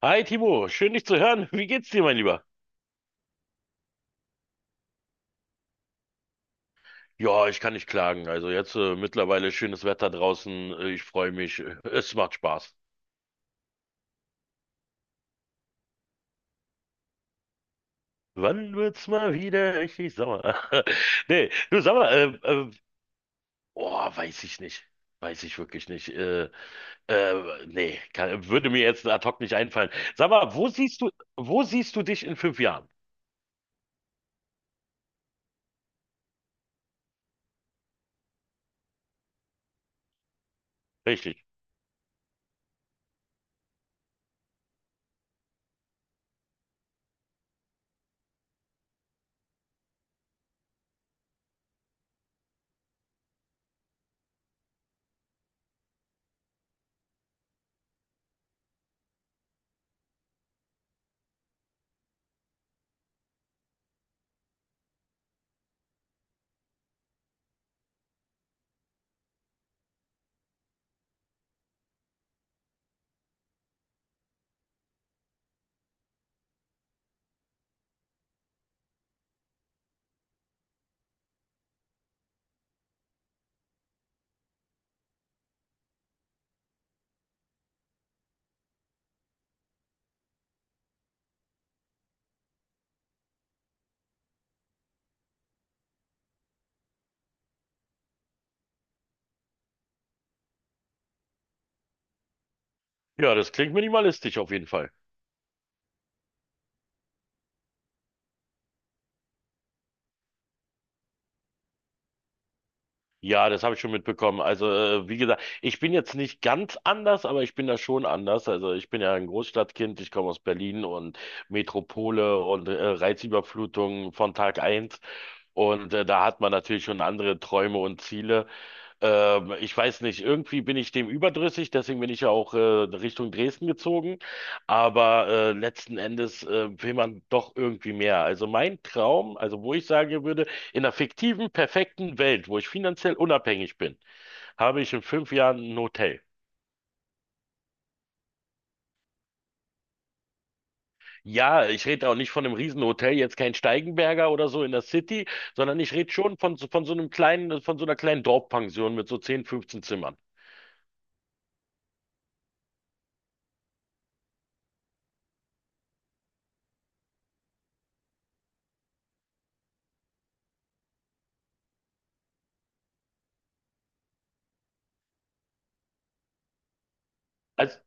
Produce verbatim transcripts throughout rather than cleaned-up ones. Hi Timo, schön dich zu hören. Wie geht's dir, mein Lieber? Ja, ich kann nicht klagen. Also jetzt äh, mittlerweile schönes Wetter draußen. Äh, Ich freue mich. Äh, Es macht Spaß. Wann wird's mal wieder richtig sauer? Nee, du sag mal, äh, äh, oh, weiß ich nicht. Weiß ich wirklich nicht. Äh, äh, nee, kann, würde mir jetzt ad hoc nicht einfallen. Sag mal, wo siehst du, wo siehst du dich in fünf Jahren? Richtig. Ja, das klingt minimalistisch auf jeden Fall. Ja, das habe ich schon mitbekommen. Also, äh, wie gesagt, ich bin jetzt nicht ganz anders, aber ich bin da schon anders. Also, ich bin ja ein Großstadtkind, ich komme aus Berlin und Metropole und äh, Reizüberflutung von Tag eins. Und äh, da hat man natürlich schon andere Träume und Ziele. Ähm, ich weiß nicht, irgendwie bin ich dem überdrüssig, deswegen bin ich ja auch äh, Richtung Dresden gezogen. Aber äh, letzten Endes äh, will man doch irgendwie mehr. Also mein Traum, also wo ich sagen würde, in einer fiktiven, perfekten Welt, wo ich finanziell unabhängig bin, habe ich in fünf Jahren ein Hotel. Ja, ich rede auch nicht von einem Riesenhotel, jetzt kein Steigenberger oder so in der City, sondern ich rede schon von, so- von so einem kleinen, von so einer kleinen Dorfpension mit so zehn fünfzehn Zimmern. Also,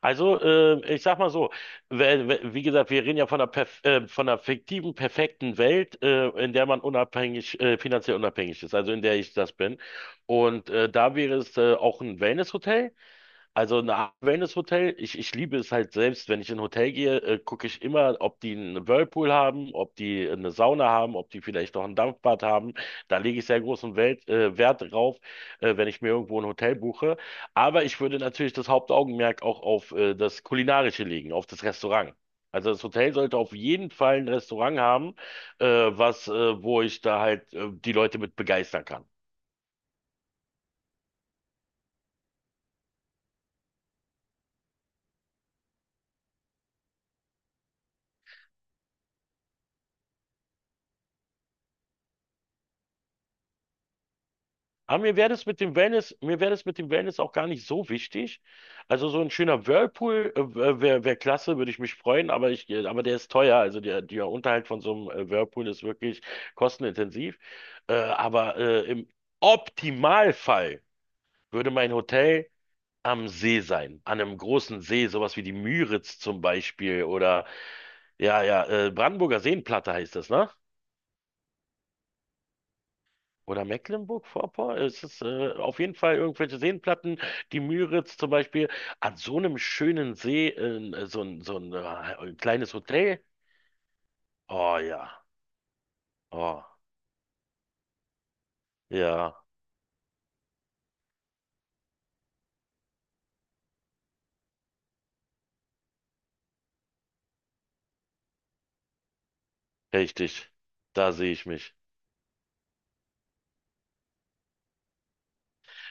also äh, ich sag mal so, we- we- wie gesagt, wir reden ja von einer, perf äh, von einer fiktiven, perfekten Welt, äh, in der man unabhängig, äh, finanziell unabhängig ist, also in der ich das bin. Und äh, da wäre es äh, auch ein Wellnesshotel. Also eine Art Wellness-Hotel, ich, ich liebe es halt selbst, wenn ich in ein Hotel gehe, äh, gucke ich immer, ob die einen Whirlpool haben, ob die eine Sauna haben, ob die vielleicht noch ein Dampfbad haben. Da lege ich sehr großen Welt, äh, Wert drauf, äh, wenn ich mir irgendwo ein Hotel buche. Aber ich würde natürlich das Hauptaugenmerk auch auf äh, das Kulinarische legen, auf das Restaurant. Also das Hotel sollte auf jeden Fall ein Restaurant haben, äh, was, äh, wo ich da halt äh, die Leute mit begeistern kann. Aber mir wäre das mit dem Wellness, mir wäre das mit dem Wellness auch gar nicht so wichtig. Also so ein schöner Whirlpool äh, wäre wär klasse, würde ich mich freuen, aber ich, äh, aber der ist teuer. Also der, der Unterhalt von so einem äh, Whirlpool ist wirklich kostenintensiv. Äh, aber äh, im Optimalfall würde mein Hotel am See sein, an einem großen See, sowas wie die Müritz zum Beispiel oder ja, ja, äh, Brandenburger Seenplatte heißt das, ne? Oder Mecklenburg-Vorpommern? Es ist äh, auf jeden Fall irgendwelche Seenplatten. Die Müritz zum Beispiel, an so einem schönen See, äh, so ein, so ein, äh, ein kleines Hotel. Oh ja, oh ja, richtig. Da sehe ich mich.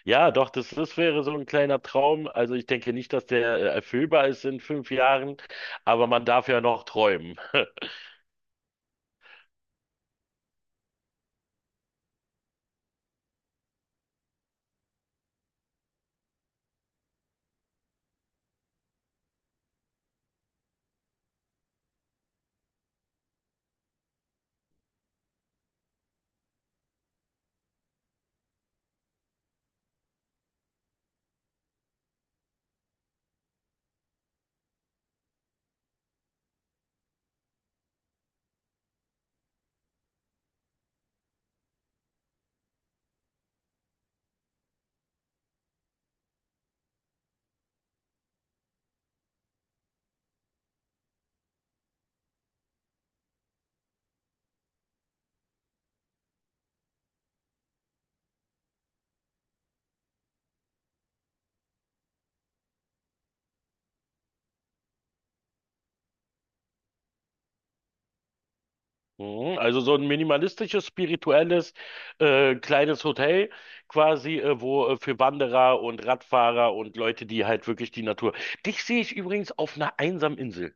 Ja, doch, das, das wäre so ein kleiner Traum. Also ich denke nicht, dass der äh, erfüllbar ist in fünf Jahren, aber man darf ja noch träumen. Mhm. Also so ein minimalistisches, spirituelles, äh, kleines Hotel quasi, äh, wo äh, für Wanderer und Radfahrer und Leute, die halt wirklich die Natur. Dich sehe ich übrigens auf einer einsamen Insel.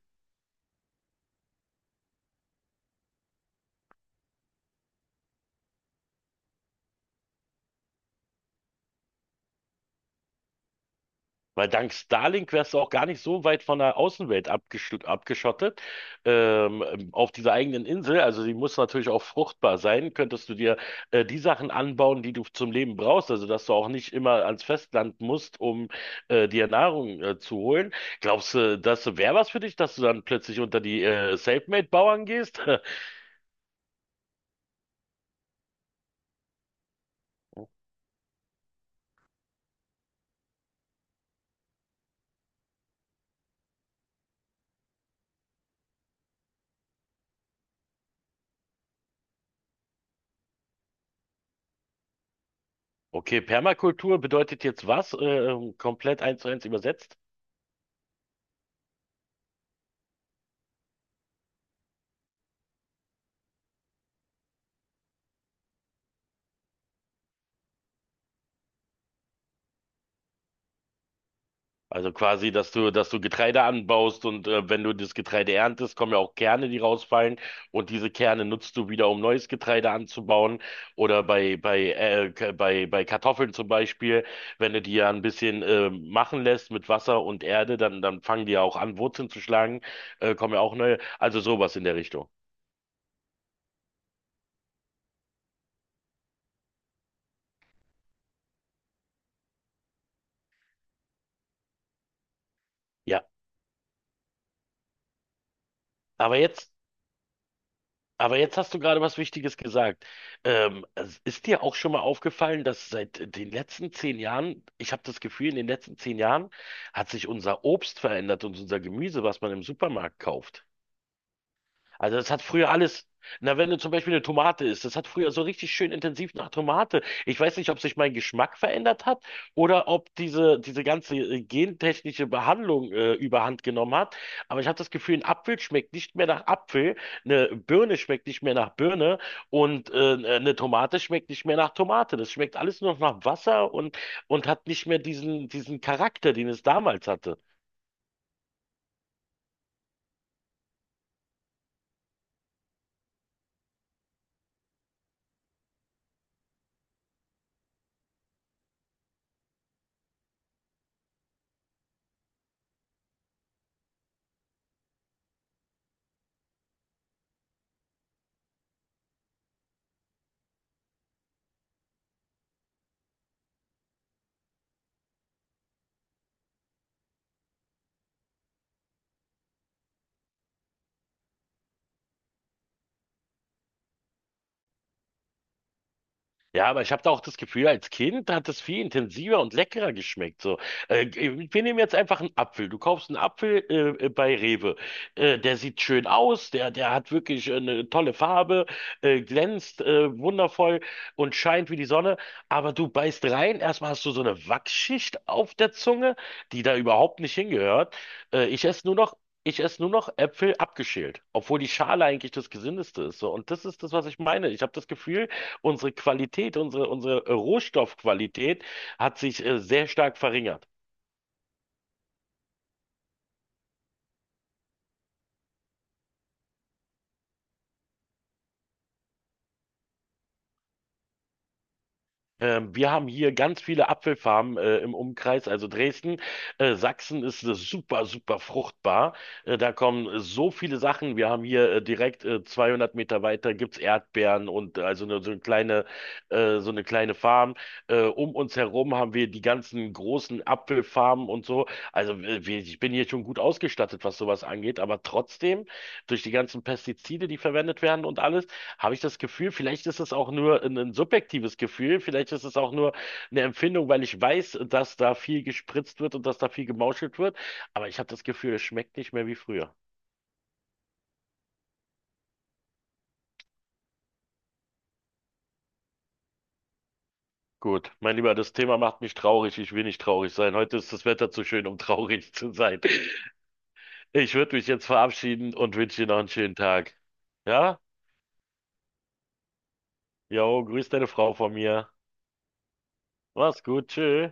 Weil dank Starlink wärst du auch gar nicht so weit von der Außenwelt abgesch abgeschottet, ähm, ähm, auf dieser eigenen Insel. Also sie muss natürlich auch fruchtbar sein. Könntest du dir äh, die Sachen anbauen, die du zum Leben brauchst, also dass du auch nicht immer ans Festland musst, um äh, dir Nahrung äh, zu holen. Glaubst du, das wäre was für dich, dass du dann plötzlich unter die äh, Selfmade-Bauern gehst? Okay, Permakultur bedeutet jetzt was? Äh, komplett eins zu eins übersetzt? Also quasi, dass du, dass du Getreide anbaust und äh, wenn du das Getreide erntest, kommen ja auch Kerne, die rausfallen und diese Kerne nutzt du wieder, um neues Getreide anzubauen oder bei bei äh, K- bei bei Kartoffeln zum Beispiel, wenn du die ja ein bisschen äh, machen lässt mit Wasser und Erde, dann dann fangen die ja auch an, Wurzeln zu schlagen, äh, kommen ja auch neue, also sowas in der Richtung. Ja, aber jetzt Aber jetzt hast du gerade was Wichtiges gesagt. Ähm, es ist dir auch schon mal aufgefallen, dass seit den letzten zehn Jahren, ich habe das Gefühl, in den letzten zehn Jahren hat sich unser Obst verändert und unser Gemüse, was man im Supermarkt kauft. Also das hat früher alles. Na, wenn du zum Beispiel eine Tomate isst, das hat früher so richtig schön intensiv nach Tomate. Ich weiß nicht, ob sich mein Geschmack verändert hat oder ob diese, diese ganze äh, gentechnische Behandlung äh, überhand genommen hat. Aber ich habe das Gefühl, ein Apfel schmeckt nicht mehr nach Apfel, eine Birne schmeckt nicht mehr nach Birne und äh, eine Tomate schmeckt nicht mehr nach Tomate. Das schmeckt alles nur noch nach Wasser und, und hat nicht mehr diesen, diesen Charakter, den es damals hatte. Ja, aber ich habe da auch das Gefühl, als Kind hat es viel intensiver und leckerer geschmeckt. So, äh, wir nehmen jetzt einfach einen Apfel. Du kaufst einen Apfel äh, äh, bei Rewe. Äh, der sieht schön aus, der, der hat wirklich eine tolle Farbe, äh, glänzt äh, wundervoll und scheint wie die Sonne. Aber du beißt rein, erstmal hast du so eine Wachsschicht auf der Zunge, die da überhaupt nicht hingehört. Äh, ich esse nur noch Ich esse nur noch Äpfel abgeschält, obwohl die Schale eigentlich das Gesündeste ist. So. Und das ist das, was ich meine. Ich habe das Gefühl, unsere Qualität, unsere, unsere Rohstoffqualität hat sich äh, sehr stark verringert. Ähm, wir haben hier ganz viele Apfelfarmen äh, im Umkreis, also Dresden. Äh, Sachsen ist äh, super, super fruchtbar. Äh, da kommen äh, so viele Sachen. Wir haben hier äh, direkt äh, zweihundert Meter weiter gibt's Erdbeeren und äh, also eine, so eine kleine, äh, so eine kleine Farm. Äh, um uns herum haben wir die ganzen großen Apfelfarmen und so. Also äh, wir- ich bin hier schon gut ausgestattet, was sowas angeht, aber trotzdem durch die ganzen Pestizide, die verwendet werden und alles, habe ich das Gefühl, vielleicht ist es auch nur ein, ein subjektives Gefühl, vielleicht ist es auch nur eine Empfindung, weil ich weiß, dass da viel gespritzt wird und dass da viel gemauschelt wird, aber ich habe das Gefühl, es schmeckt nicht mehr wie früher. Gut, mein Lieber, das Thema macht mich traurig. Ich will nicht traurig sein. Heute ist das Wetter zu schön, um traurig zu sein. Ich würde mich jetzt verabschieden und wünsche dir noch einen schönen Tag. Ja? Jo, grüß deine Frau von mir. Mach's gut, tschö.